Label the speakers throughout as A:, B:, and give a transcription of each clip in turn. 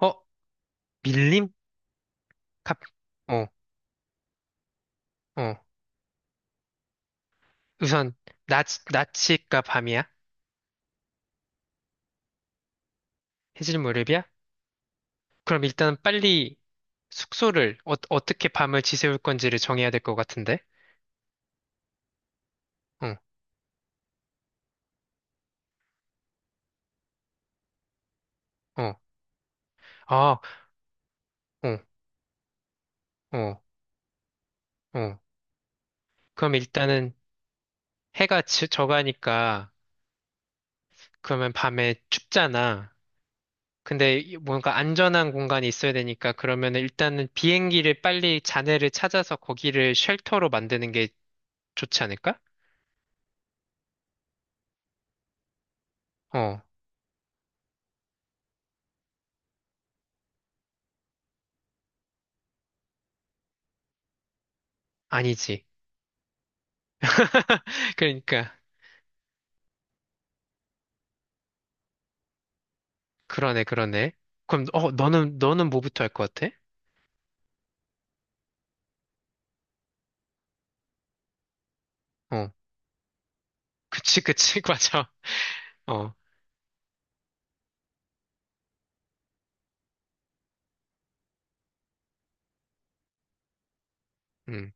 A: 어, 밀림? 갑, 어, 어. 우선, 낮, 낮이가 밤이야? 해질 무렵이야? 그럼 일단 빨리 숙소를, 어떻게 밤을 지새울 건지를 정해야 될 것 같은데? 어, 어. 아, 어, 어, 어. 그럼 일단은 저가니까, 그러면 밤에 춥잖아. 근데 뭔가 안전한 공간이 있어야 되니까, 그러면 일단은 비행기를 빨리 잔해를 찾아서 거기를 쉘터로 만드는 게 좋지 않을까? 어, 아니지. 그러니까 그러네 그러네. 그럼 너는 뭐부터 할 것 같아? 어, 그치 그치. 맞아. 어. 음.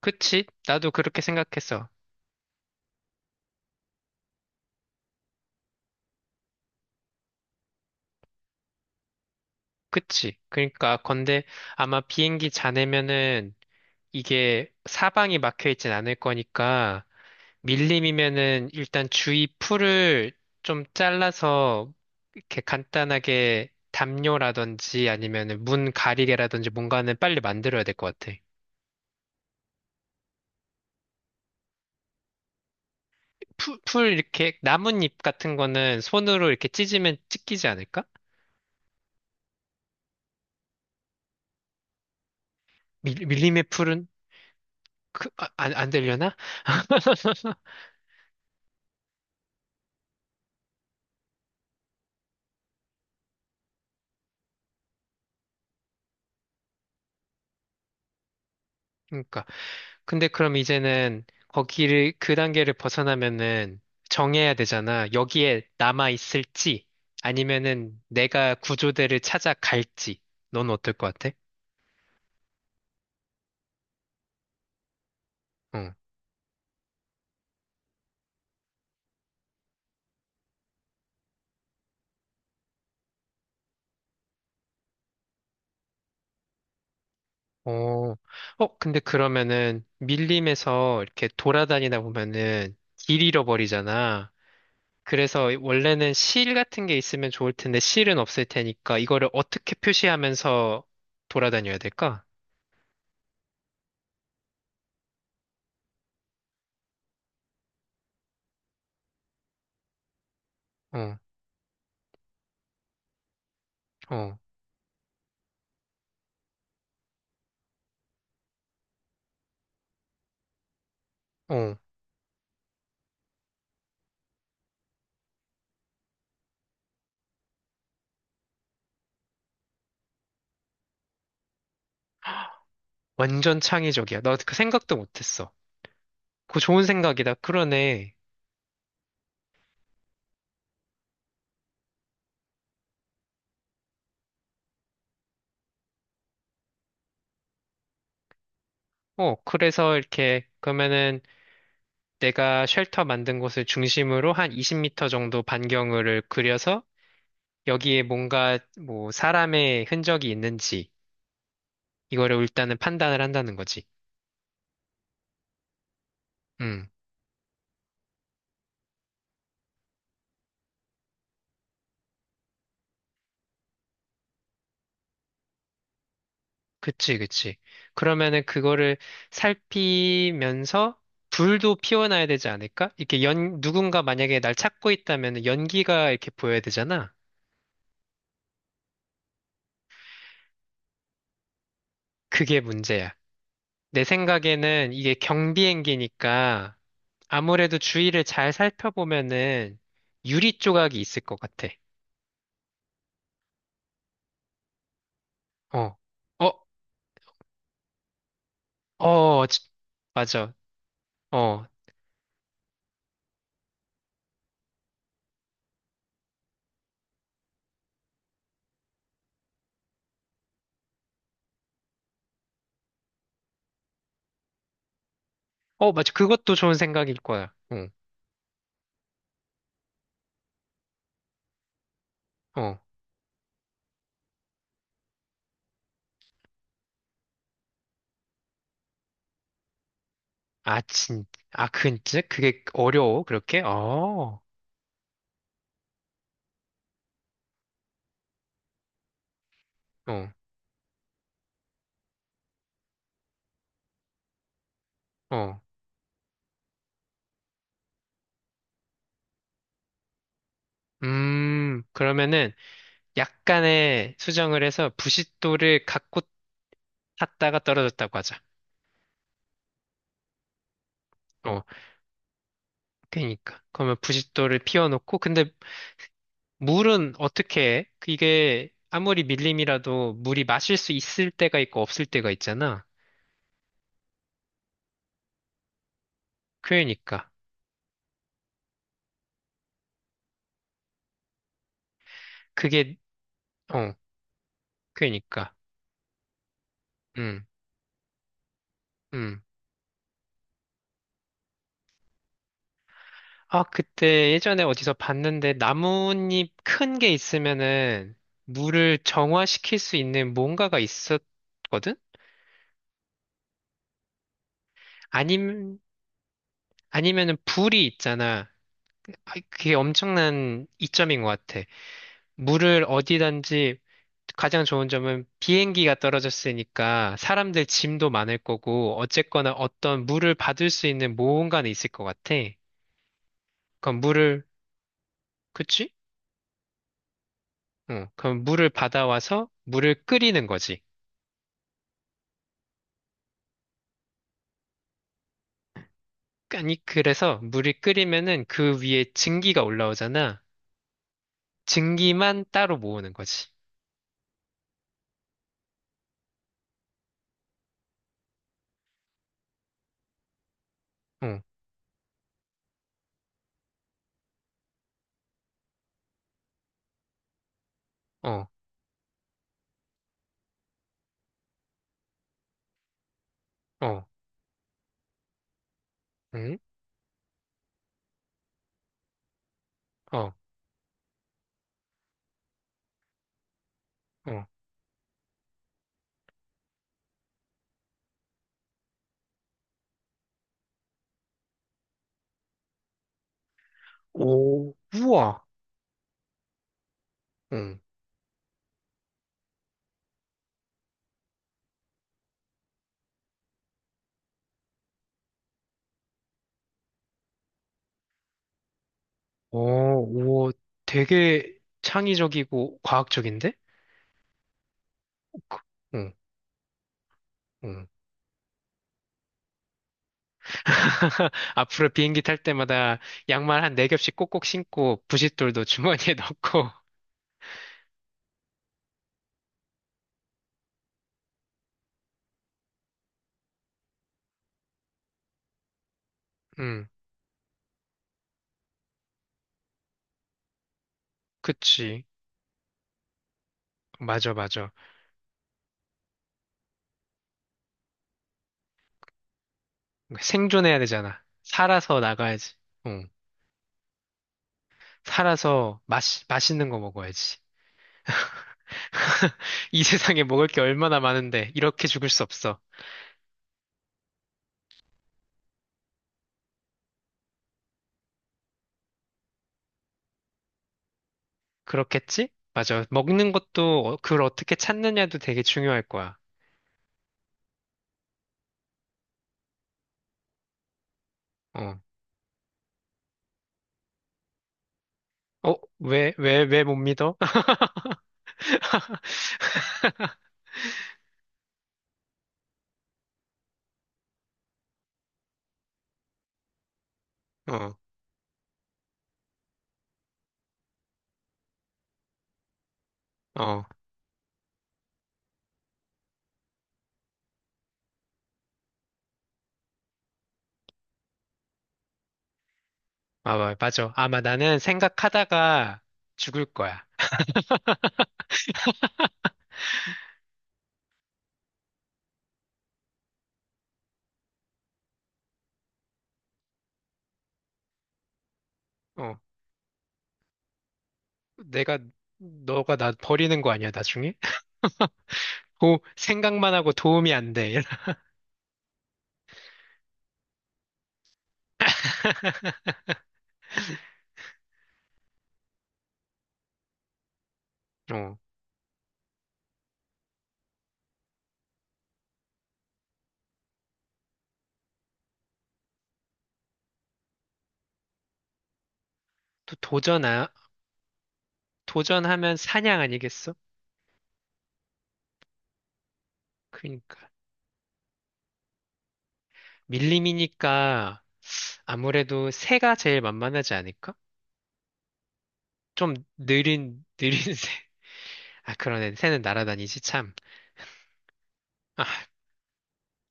A: 그치, 나도 그렇게 생각했어. 그치. 그러니까 건데 아마 비행기 자네면은 이게 사방이 막혀 있진 않을 거니까 밀림이면은 일단 주위 풀을 좀 잘라서 이렇게 간단하게 담요라든지 아니면은 문 가리개라든지 뭔가는 빨리 만들어야 될 것 같아. 풀 이렇게 나뭇잎 같은 거는 손으로 이렇게 찢으면 찢기지 않을까? 밀림의 풀은 안 되려나? 그러니까. 근데 그럼 이제는 거기를 그 단계를 벗어나면은 정해야 되잖아. 여기에 남아 있을지 아니면은 내가 구조대를 찾아갈지. 넌 어떨 것 같아? 응. 어. 근데 그러면은 밀림에서 이렇게 돌아다니다 보면은 길 잃어버리잖아. 그래서 원래는 실 같은 게 있으면 좋을 텐데 실은 없을 테니까 이거를 어떻게 표시하면서 돌아다녀야 될까? 어, 어, 어. 완전 창의적이야. 나 그 생각도 못했어. 그거 좋은 생각이다. 그러네. 그래서 이렇게 그러면은 내가 쉘터 만든 곳을 중심으로 한 20m 정도 반경을 그려서 여기에 뭔가 뭐 사람의 흔적이 있는지 이거를 일단은 판단을 한다는 거지. 음. 그치, 그치. 그러면은 그거를 살피면서 불도 피워놔야 되지 않을까? 누군가 만약에 날 찾고 있다면 연기가 이렇게 보여야 되잖아. 그게 문제야. 내 생각에는 이게 경비행기니까 아무래도 주위를 잘 살펴보면은 유리 조각이 있을 것 같아. 어, 어, 어, 맞아. 어, 어, 맞아. 그것도 좋은 생각일 거야. 응, 어. 아, 진, 아, 근, 그게 어려워, 그렇게? 어. 어, 어. 그러면은 약간의 수정을 해서 부싯돌을 갖고 탔다가 떨어졌다고 하자. 어, 그러니까. 그러면 부싯돌을 피워놓고, 근데 물은 어떻게 해? 이게 아무리 밀림이라도 물이 마실 수 있을 때가 있고 없을 때가 있잖아. 그러니까. 그게, 어, 그러니까. 음, 음. 아, 그때 예전에 어디서 봤는데 나뭇잎 큰 게 있으면은 물을 정화시킬 수 있는 뭔가가 있었 거든 아님, 아니면은 불이 있잖아. 아, 그게 엄청난 이점인 것 같아. 물을 어디든지 가장 좋은 점은 비행기가 떨어졌으니까 사람들 짐도 많을 거고 어쨌거나 어떤 물을 받을 수 있는 모험가는 있을 것 같아. 그럼 물을, 그치? 응. 그럼 물을 받아와서 물을 끓이는 거지. 아니, 그래서 물이 끓이면은 그 위에 증기가 올라오잖아. 증기만 따로 모으는 거지. 어, 어, 어, 응, 어. 어. 오, 우와. 응. 오, 우와. 되게 창의적이고 과학적인데? 그- 응, 응. 앞으로 비행기 탈 때마다 양말 한 네 겹씩 꼭꼭 신고 부싯돌도 주머니에 넣고. 응, 그치. 맞아, 맞아. 그러니까 생존해야 되잖아. 살아서 나가야지. 응. 살아서 맛, 맛있는 거 먹어야지. 이 세상에 먹을 게 얼마나 많은데 이렇게 죽을 수 없어. 그렇겠지? 맞아. 먹는 것도 그걸 어떻게 찾느냐도 되게 중요할 거야. 어. 어, 왜 못 믿어? 어, 어. 아, 맞아. 아마 나는 생각하다가 죽을 거야. 어. 내가, 너가 나 버리는 거 아니야, 나중에? 오, 생각만 하고 도움이 안 돼. 어, 또 도전하, 도전하면 사냥 아니겠어? 그러니까. 밀림이니까 아무래도 새가 제일 만만하지 않을까? 좀 느린, 느린 새. 아, 그러네. 새는 날아다니지, 참. 아,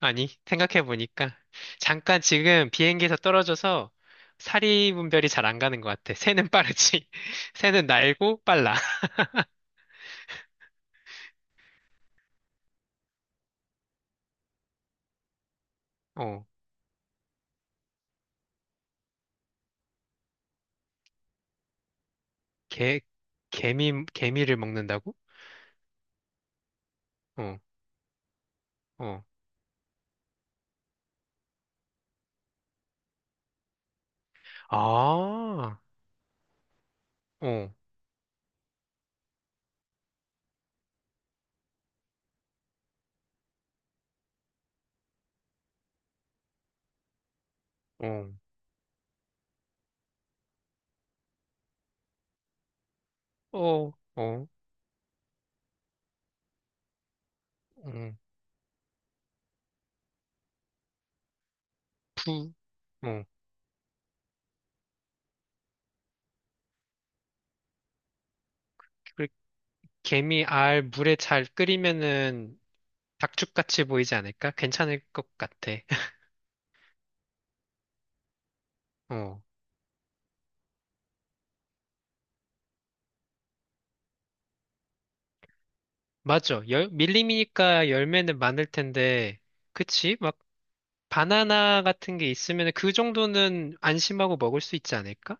A: 아니, 생각해보니까. 잠깐 지금 비행기에서 떨어져서 사리 분별이 잘 안 가는 것 같아. 새는 빠르지. 새는 날고 빨라. 어, 개, 개미를 먹는다고? 어, 어. 아, 어, 어, 어, 어, 어, 어, 어, 부, 어. 그래, 개미 알 물에 잘 끓이면은 닭죽같이 보이지 않을까? 괜찮을 것 같아. 어, 맞아. 밀림이니까 열매는 많을 텐데, 그치? 막 바나나 같은 게 있으면 그 정도는 안심하고 먹을 수 있지 않을까?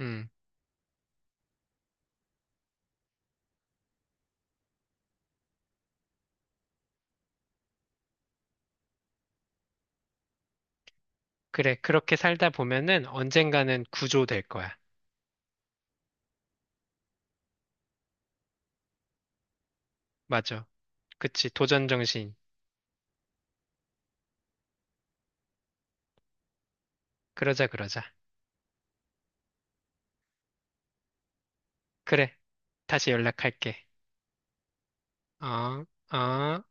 A: 음, 그래. 그렇게 살다 보면은 언젠가는 구조될 거야. 맞아. 그치. 도전 정신. 그러자, 그러자. 그래. 다시 연락할게. 어, 어.